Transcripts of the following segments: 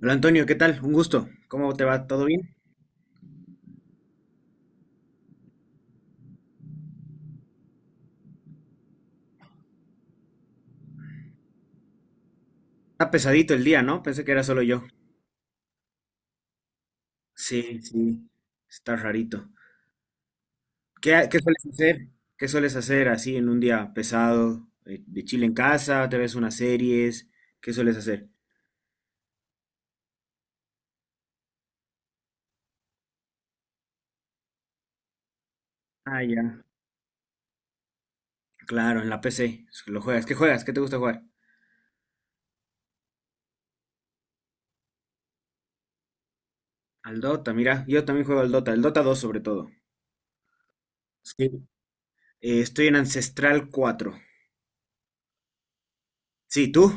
Hola Antonio, ¿qué tal? Un gusto. ¿Cómo te va? ¿Todo bien? Está pesadito el día, ¿no? Pensé que era solo yo. Sí, sí, está rarito. ¿Qué sueles hacer? ¿Qué sueles hacer así en un día pesado? ¿De chile en casa? ¿Te ves unas series? ¿Qué sueles hacer? Ah, ya. Claro, en la PC. Lo juegas. ¿Qué juegas? ¿Qué te gusta jugar? Al Dota, mira. Yo también juego al Dota. El Dota 2 sobre todo. Sí. Estoy en Ancestral 4. Sí, ¿tú?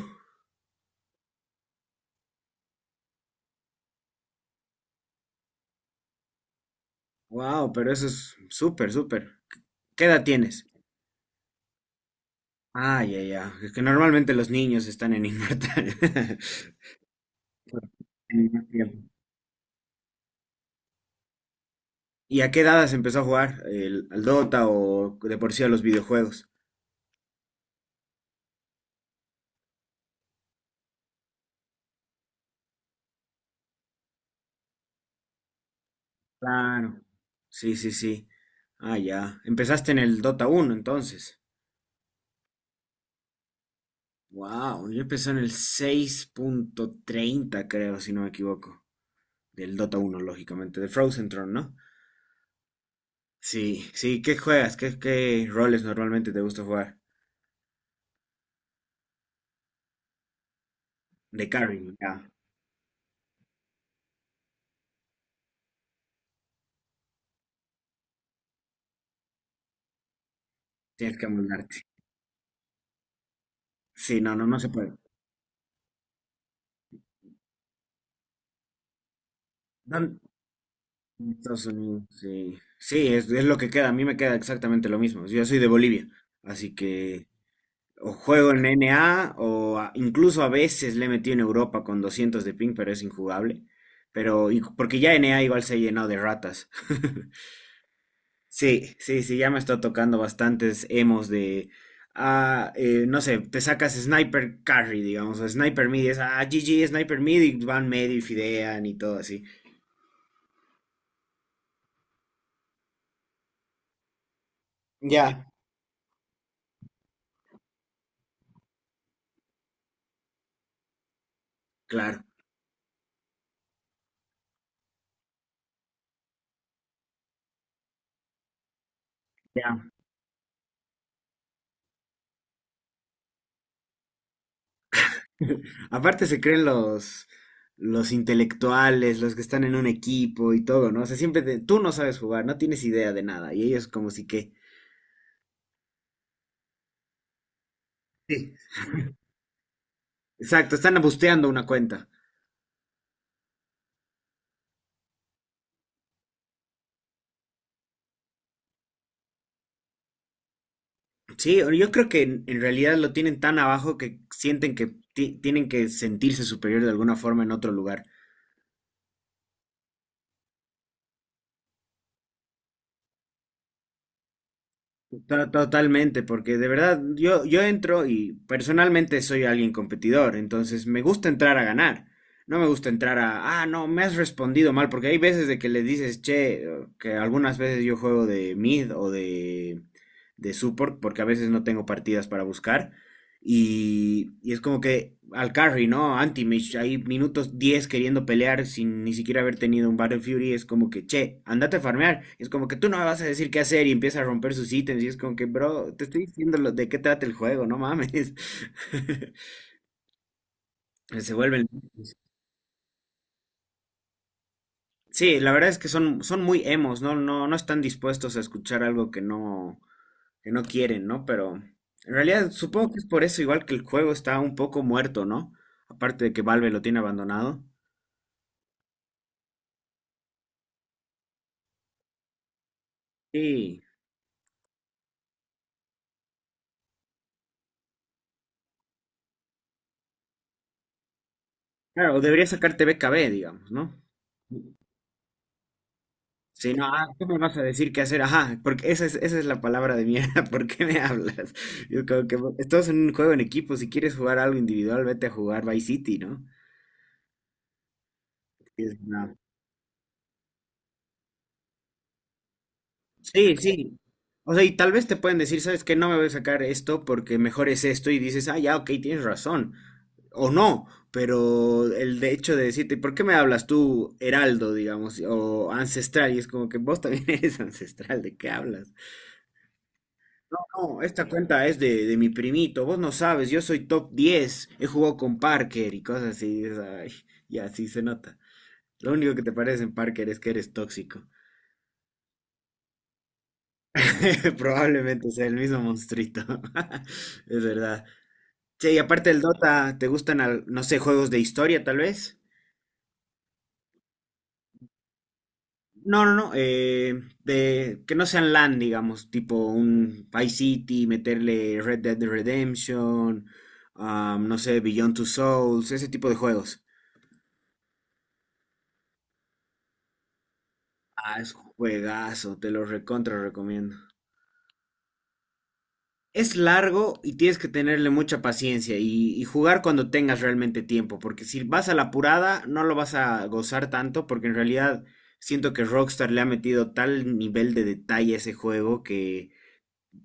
Wow, pero eso es súper, súper. ¿Qué edad tienes? Ah, ya, ya. Es que normalmente los niños están en Inmortal. En más tiempo. ¿Y a qué edad se empezó a jugar? ¿Al Dota o de por sí a los videojuegos? Claro. Sí, sí, sí. Ah, ya. Empezaste en el Dota 1, entonces. Wow, yo empecé en el 6.30, creo, si no me equivoco. Del Dota 1, lógicamente. De Frozen Throne, ¿no? Sí, sí. ¿Qué juegas? ¿Qué roles normalmente te gusta jugar? De carry, ya. Tienes que amoldarte. Sí, no, no, no se puede. Dan- Estados Unidos, sí. Sí, es lo que queda. A mí me queda exactamente lo mismo. Yo soy de Bolivia, así que o juego en NA o incluso a veces le he metido en Europa con 200 de ping, pero es injugable. Pero porque ya NA igual se ha llenado de ratas. Sí, sí, sí, ya me está tocando bastantes emos de, no sé, te sacas Sniper Carry, digamos, o Sniper Mid, y es, GG, Sniper Mid, y van medio y fidean y todo así. Ya. Claro. Aparte se creen los, intelectuales, los que están en un equipo y todo, ¿no? O sea, siempre tú no sabes jugar, no tienes idea de nada. Y ellos como si que... Sí. Exacto, están busteando una cuenta. Sí, yo creo que en realidad lo tienen tan abajo que sienten que tienen que sentirse superior de alguna forma en otro lugar. Totalmente, porque de verdad yo entro y personalmente soy alguien competidor, entonces me gusta entrar a ganar, no me gusta entrar a, no, me has respondido mal, porque hay veces de que le dices, che, que algunas veces yo juego de mid o de, support, porque a veces no tengo partidas para buscar, y es como que al carry, ¿no? Anti-Mage, ahí minutos 10 queriendo pelear sin ni siquiera haber tenido un Battle Fury, es como que, che, andate a farmear. Es como que tú no me vas a decir qué hacer y empieza a romper sus ítems. Y es como que, bro, te estoy diciendo de qué trata el juego, no mames. Se vuelven. Sí, la verdad es que son muy emos, ¿no? No, no están dispuestos a escuchar algo que no quieren, ¿no? Pero en realidad supongo que es por eso, igual que el juego está un poco muerto, ¿no? Aparte de que Valve lo tiene abandonado. Sí, claro, o debería sacarte BKB, digamos, ¿no? Si no, ¿qué me vas a decir qué hacer? Ajá, porque esa es la palabra de mierda, ¿por qué me hablas? Yo creo que estás en un juego en equipo, si quieres jugar algo individual, vete a jugar Vice City, ¿no? Y es una- Sí, sí. O sea, y tal vez te pueden decir, ¿sabes qué? No me voy a sacar esto porque mejor es esto y dices, ya, ok, tienes razón. O no, pero el de hecho de decirte, ¿por qué me hablas tú heraldo, digamos, o ancestral? Y es como que vos también eres ancestral, ¿de qué hablas? No, esta cuenta es de mi primito. Vos no sabes, yo soy top 10. He jugado con Parker y cosas así. Y así se nota. Lo único que te parece en Parker es que eres tóxico. Probablemente sea el mismo monstruito. Es verdad. Che, y aparte del Dota, ¿te gustan, no sé, juegos de historia tal vez? No, no, no. Que no sean LAN, digamos, tipo un Vice City, meterle Red Dead Redemption, no sé, Beyond Two Souls, ese tipo de juegos. Ah, es juegazo, te lo recontra recomiendo. Es largo y tienes que tenerle mucha paciencia y jugar cuando tengas realmente tiempo, porque si vas a la apurada no lo vas a gozar tanto, porque en realidad siento que Rockstar le ha metido tal nivel de detalle a ese juego que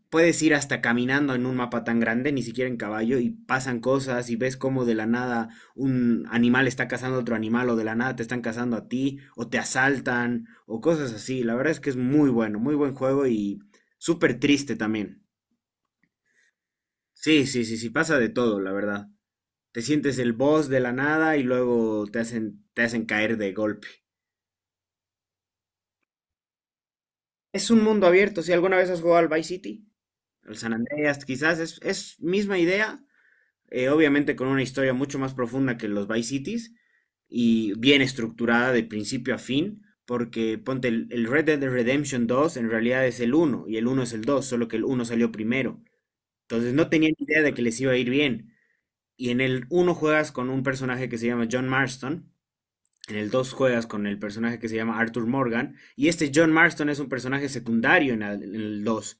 puedes ir hasta caminando en un mapa tan grande, ni siquiera en caballo, y pasan cosas y ves cómo de la nada un animal está cazando a otro animal o de la nada te están cazando a ti o te asaltan o cosas así. La verdad es que es muy bueno, muy buen juego y súper triste también. Sí, sí, sí, sí, pasa de todo, la verdad. Te sientes el boss de la nada y luego te hacen caer de golpe. Es un mundo abierto, si alguna vez has jugado al Vice City, al San Andreas, quizás es misma idea, obviamente con una historia mucho más profunda que los Vice Cities y bien estructurada de principio a fin, porque ponte el Red Dead Redemption 2 en realidad es el uno y el uno es el 2 solo que el uno salió primero. Entonces no tenían idea de que les iba a ir bien. Y en el uno juegas con un personaje que se llama John Marston, en el 2 juegas con el personaje que se llama Arthur Morgan. Y este John Marston es un personaje secundario en 2.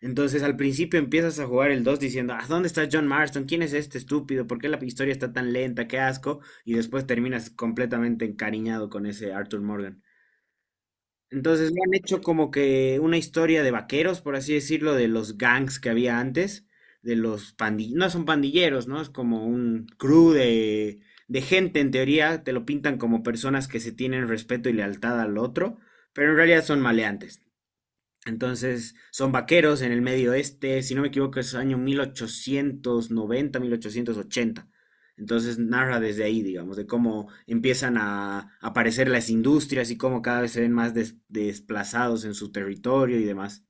Entonces al principio empiezas a jugar el 2 diciendo, ¿a dónde está John Marston? ¿Quién es este estúpido? ¿Por qué la historia está tan lenta? ¡Qué asco! Y después terminas completamente encariñado con ese Arthur Morgan. Entonces le han hecho como que una historia de vaqueros, por así decirlo, de los gangs que había antes, de los pandilleros, no son pandilleros, ¿no? Es como un crew de gente, en teoría, te lo pintan como personas que se tienen respeto y lealtad al otro, pero en realidad son maleantes. Entonces, son vaqueros en el medio oeste, si no me equivoco, es año mil ochocientos noventa, 1880. Entonces narra desde ahí, digamos, de cómo empiezan a aparecer las industrias y cómo cada vez se ven más desplazados en su territorio y demás.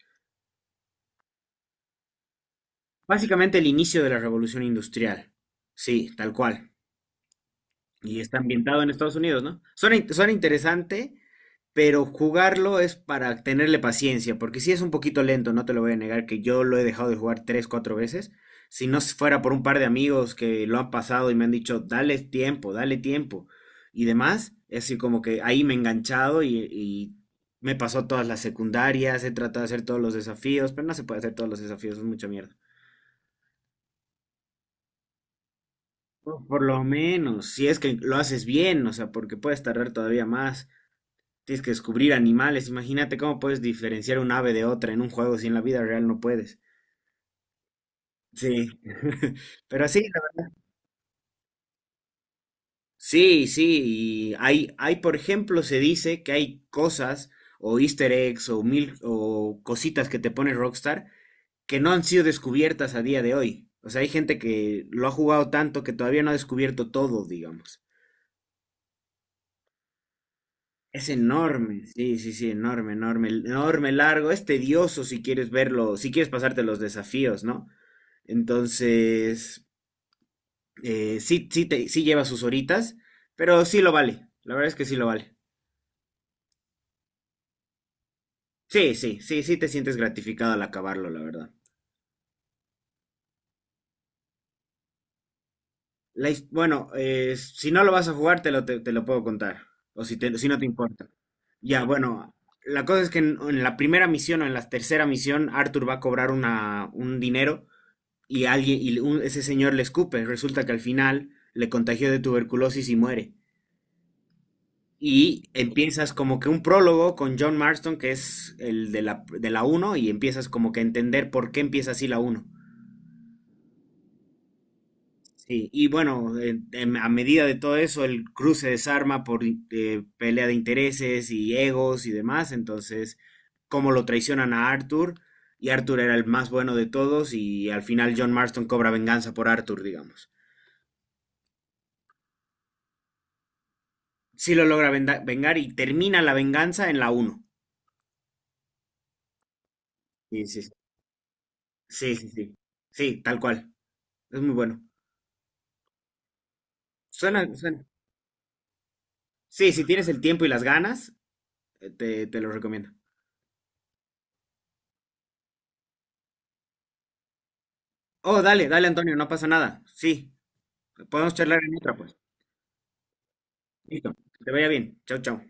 Básicamente el inicio de la revolución industrial. Sí, tal cual. Y está ambientado en Estados Unidos, ¿no? Suena, suena interesante, pero jugarlo es para tenerle paciencia, porque sí es un poquito lento, no te lo voy a negar, que yo lo he dejado de jugar tres, cuatro veces. Si no fuera por un par de amigos que lo han pasado y me han dicho, dale tiempo y demás, es decir, como que ahí me he enganchado y me pasó todas las secundarias, he tratado de hacer todos los desafíos, pero no se puede hacer todos los desafíos, es mucha mierda. Por lo menos, si es que lo haces bien, o sea, porque puedes tardar todavía más. Tienes que descubrir animales. Imagínate cómo puedes diferenciar un ave de otra en un juego si en la vida real no puedes. Sí. Pero sí, sí, sí. Y hay, por ejemplo, se dice que hay cosas o Easter eggs o mil o cositas que te pone Rockstar que no han sido descubiertas a día de hoy. O sea, hay gente que lo ha jugado tanto que todavía no ha descubierto todo, digamos. Es enorme, sí, sí, sí, enorme, enorme, enorme, largo. Es tedioso si quieres verlo, si quieres pasarte los desafíos, ¿no? Entonces, sí, sí, sí lleva sus horitas, pero sí lo vale. La verdad es que sí lo vale. Sí, sí, sí, sí te sientes gratificado al acabarlo, la verdad. Bueno, si no lo vas a jugar, te lo puedo contar. O si, si no te importa. Ya, bueno, la cosa es que en la primera misión o en la tercera misión, Arthur va a cobrar un dinero y alguien ese señor le escupe. Resulta que al final le contagió de tuberculosis y muere. Y empiezas como que un prólogo con John Marston, que es el de la, uno y empiezas como que a entender por qué empieza así la uno. Sí, y bueno, a medida de todo eso, el cruce se desarma por pelea de intereses y egos y demás. Entonces, cómo lo traicionan a Arthur, y Arthur era el más bueno de todos, y al final John Marston cobra venganza por Arthur, digamos. Sí lo logra vengar y termina la venganza en la uno. Sí, sí, sí, sí, sí, sí, sí, tal cual. Es muy bueno. Suena, suena. Sí, si tienes el tiempo y las ganas, te lo recomiendo. Oh, dale, dale, Antonio, no pasa nada. Sí, podemos charlar en otra, pues. Listo, que te vaya bien. Chao, chao.